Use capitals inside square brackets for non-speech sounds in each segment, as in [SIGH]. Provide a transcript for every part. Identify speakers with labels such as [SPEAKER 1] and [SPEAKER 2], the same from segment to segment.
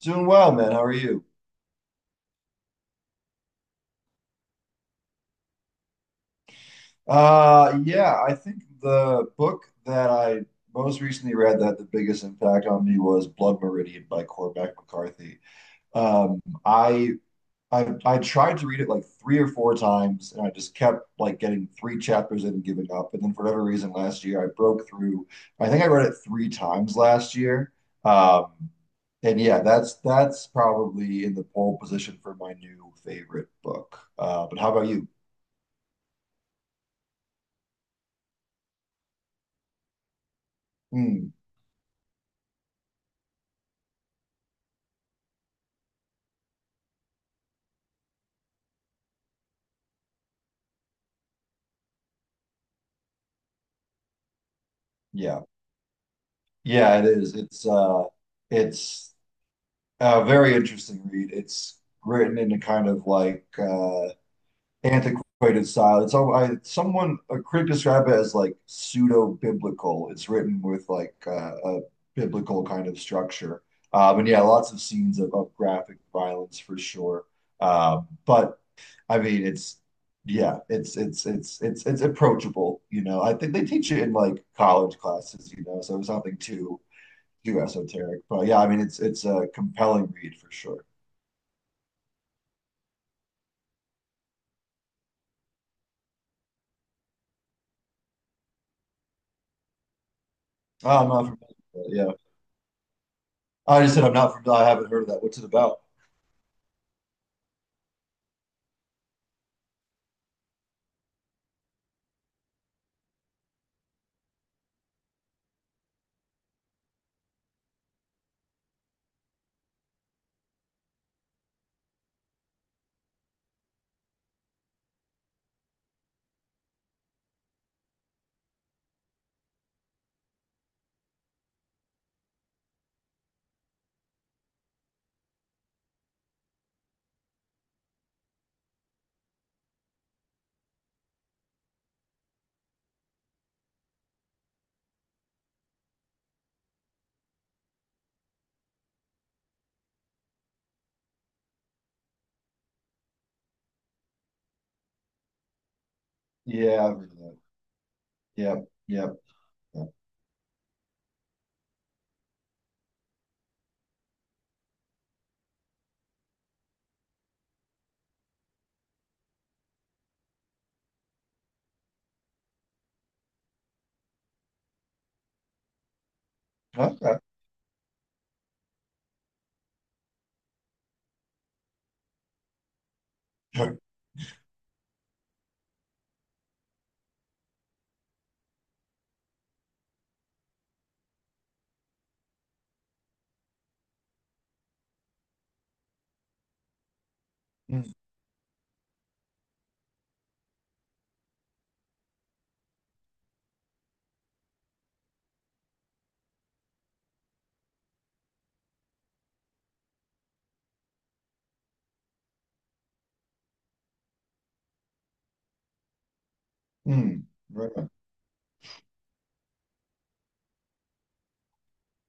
[SPEAKER 1] Doing well, man. How are you? Yeah, I think the book that I most recently read that had the biggest impact on me was Blood Meridian by Cormac McCarthy. Um, I, I tried to read it like three or four times, and I just kept like getting three chapters in and giving up. And then for whatever reason, last year I broke through. I think I read it three times last year. Um, and yeah, that's probably in the pole position for my new favorite book. But how about you? Hmm. Yeah. Yeah, it is. It's a very interesting read. It's written in a kind of like antiquated style. It's all I someone a critic described it as like pseudo-biblical. It's written with like a biblical kind of structure. And yeah, lots of scenes of graphic violence for sure. But I mean it's yeah, it's approachable, you know. I think they teach it in like college classes, you know, so it's nothing too too esoteric, but yeah, I mean it's a compelling read for sure. Oh, I'm not familiar, with it, yeah. I just said I'm not familiar. I haven't heard of that. What's it about? Yeah, I've heard of that. Yeah, yeah, yeah. Okay, [LAUGHS] sure. Mm, mm, right. On.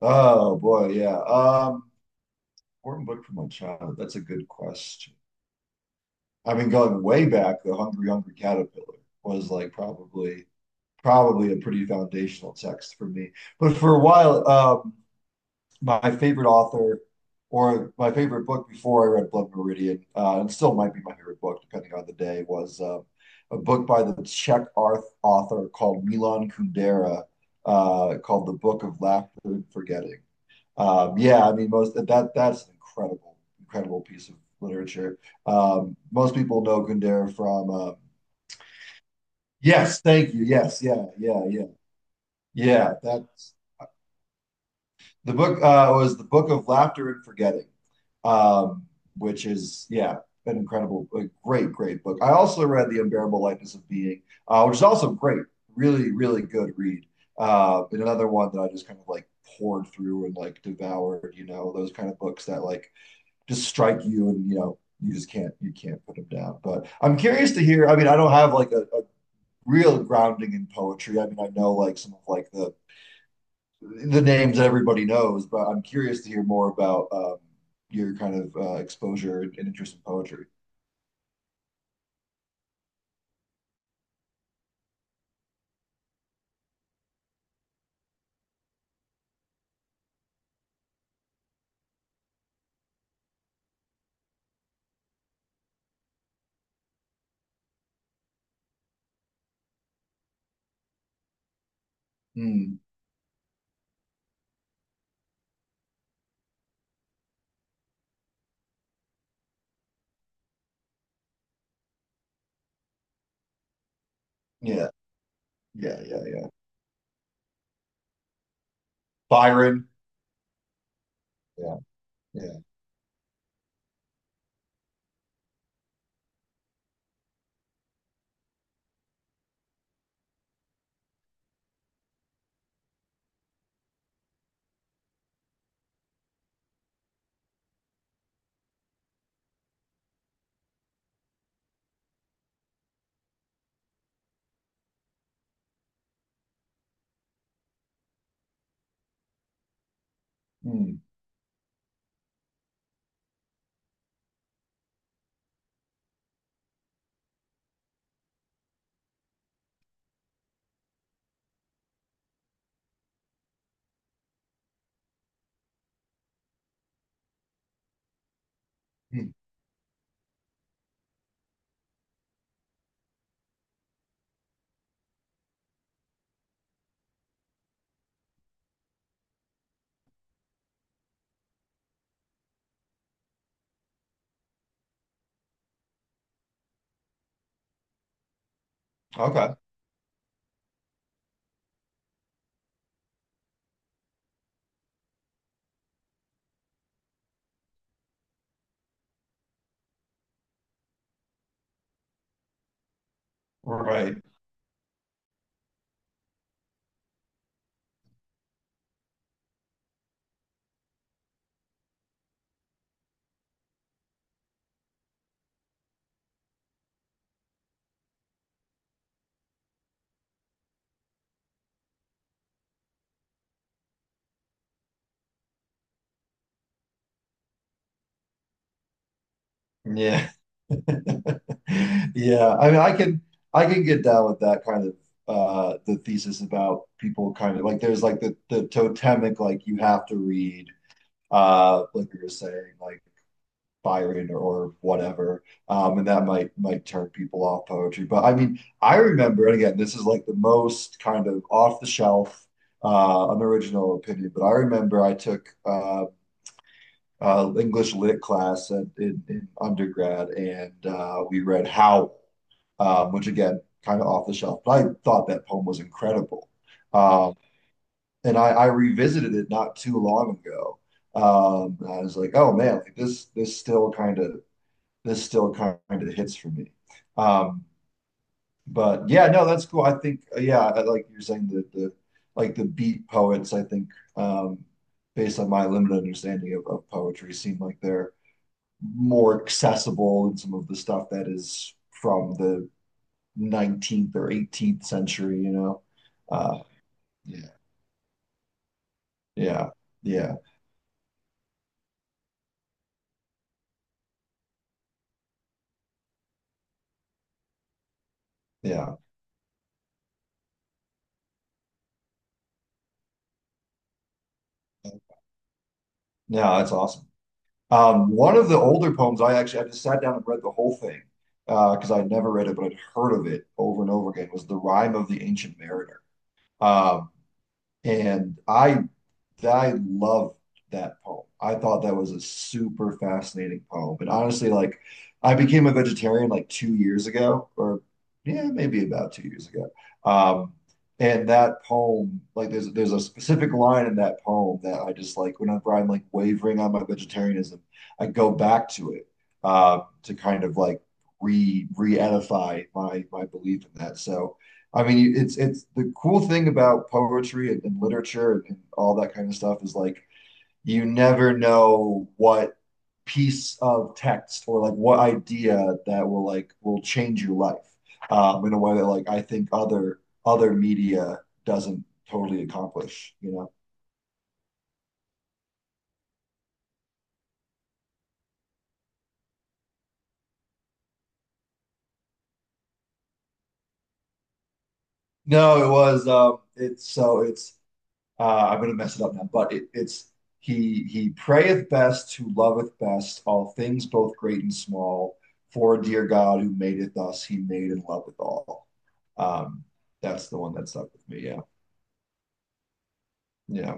[SPEAKER 1] Oh boy, yeah. Important book from my childhood. That's a good question. I mean, going way back, The Hungry Hungry Caterpillar was like probably a pretty foundational text for me. But for a while, my favorite author or my favorite book before I read Blood Meridian, and still might be my favorite book depending on the day, was a book by the Czech art author called Milan Kundera called The Book of Laughter and Forgetting. Yeah, I mean, most that that's an incredible, incredible piece of literature. Most people know Kundera from. Yes, thank you. Yes, yeah, yeah, yeah, yeah. That's The book was the Book of Laughter and Forgetting, um, which is yeah, an incredible, a great, great book. I also read The Unbearable Lightness of Being, which is also great, really, really good read. And another one that I just kind of like poured through and like devoured. You know, those kind of books that like just strike you and you know you just can't put them down. But I'm curious to hear. I mean, I don't have like a real grounding in poetry. I mean, I know like some of like the names everybody knows, but I'm curious to hear more about your kind of exposure and interest in poetry. Mm, yeah, yeah, yeah, yeah. Byron. Yeah, yeah. Mm, mm, okay, right. Yeah, [LAUGHS] yeah. I mean, I can get down with that kind of the thesis about people kind of like there's like the totemic like you have to read like you were saying like Byron or whatever. And that might turn people off poetry. But I mean, I remember, and again, this is like the most kind of off the shelf, unoriginal opinion, but I remember I took English lit class at, in undergrad, and we read Howl, which again, kind of off the shelf, but I thought that poem was incredible. Um, and I revisited it not too long ago. I was like, oh man, like this still kind of hits for me. Um, but yeah, no, that's cool. I think yeah, like you're saying the like the beat poets. I think um, based on my limited understanding of poetry, seem like they're more accessible than some of the stuff that is from the 19th or 18th century. You know, uh, yeah, yeah, yeah, yeah. No, that's awesome. One of the older poems, I just sat down and read the whole thing because I'd never read it, but I'd heard of it over and over again. Was the Rime of the Ancient Mariner, um, and I love that poem. I thought that was a super fascinating poem. And honestly, like I became a vegetarian like 2 years ago, or yeah, maybe about 2 years ago. Um, and that poem, like there's a specific line in that poem that I just like whenever I'm like wavering on my vegetarianism, I go back to it to kind of like re re-edify my my belief in that. So I mean, it's the cool thing about poetry and literature and all that kind of stuff is like you never know what piece of text or like what idea that will like will change your life in a way that like I think other other media doesn't totally accomplish, you know. No, it was it's so it's I'm going to mess it up now, but it, it's he prayeth best who loveth best all things both great and small. For dear God who madeth us, he made and loveth all. Um, that's the one that stuck with me. Yeah, yeah.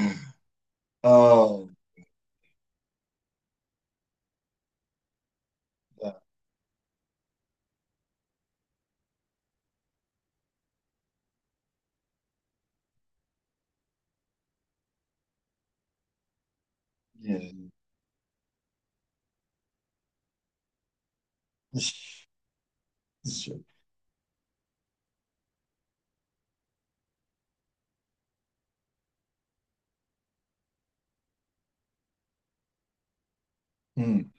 [SPEAKER 1] [LAUGHS] Oh, uh, yeah. Mm,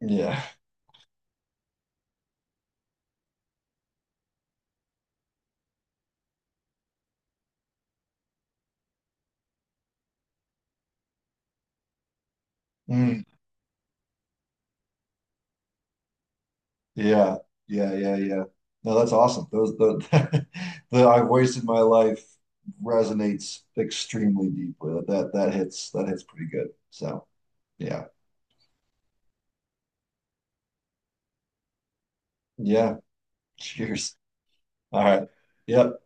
[SPEAKER 1] yeah, Mm, yeah, yeah, yeah, yeah. No, that's awesome. Those the [LAUGHS] the I've wasted my life resonates extremely deeply. That hits that hits pretty good. So. Yeah. Yeah. Cheers. All right. Yep.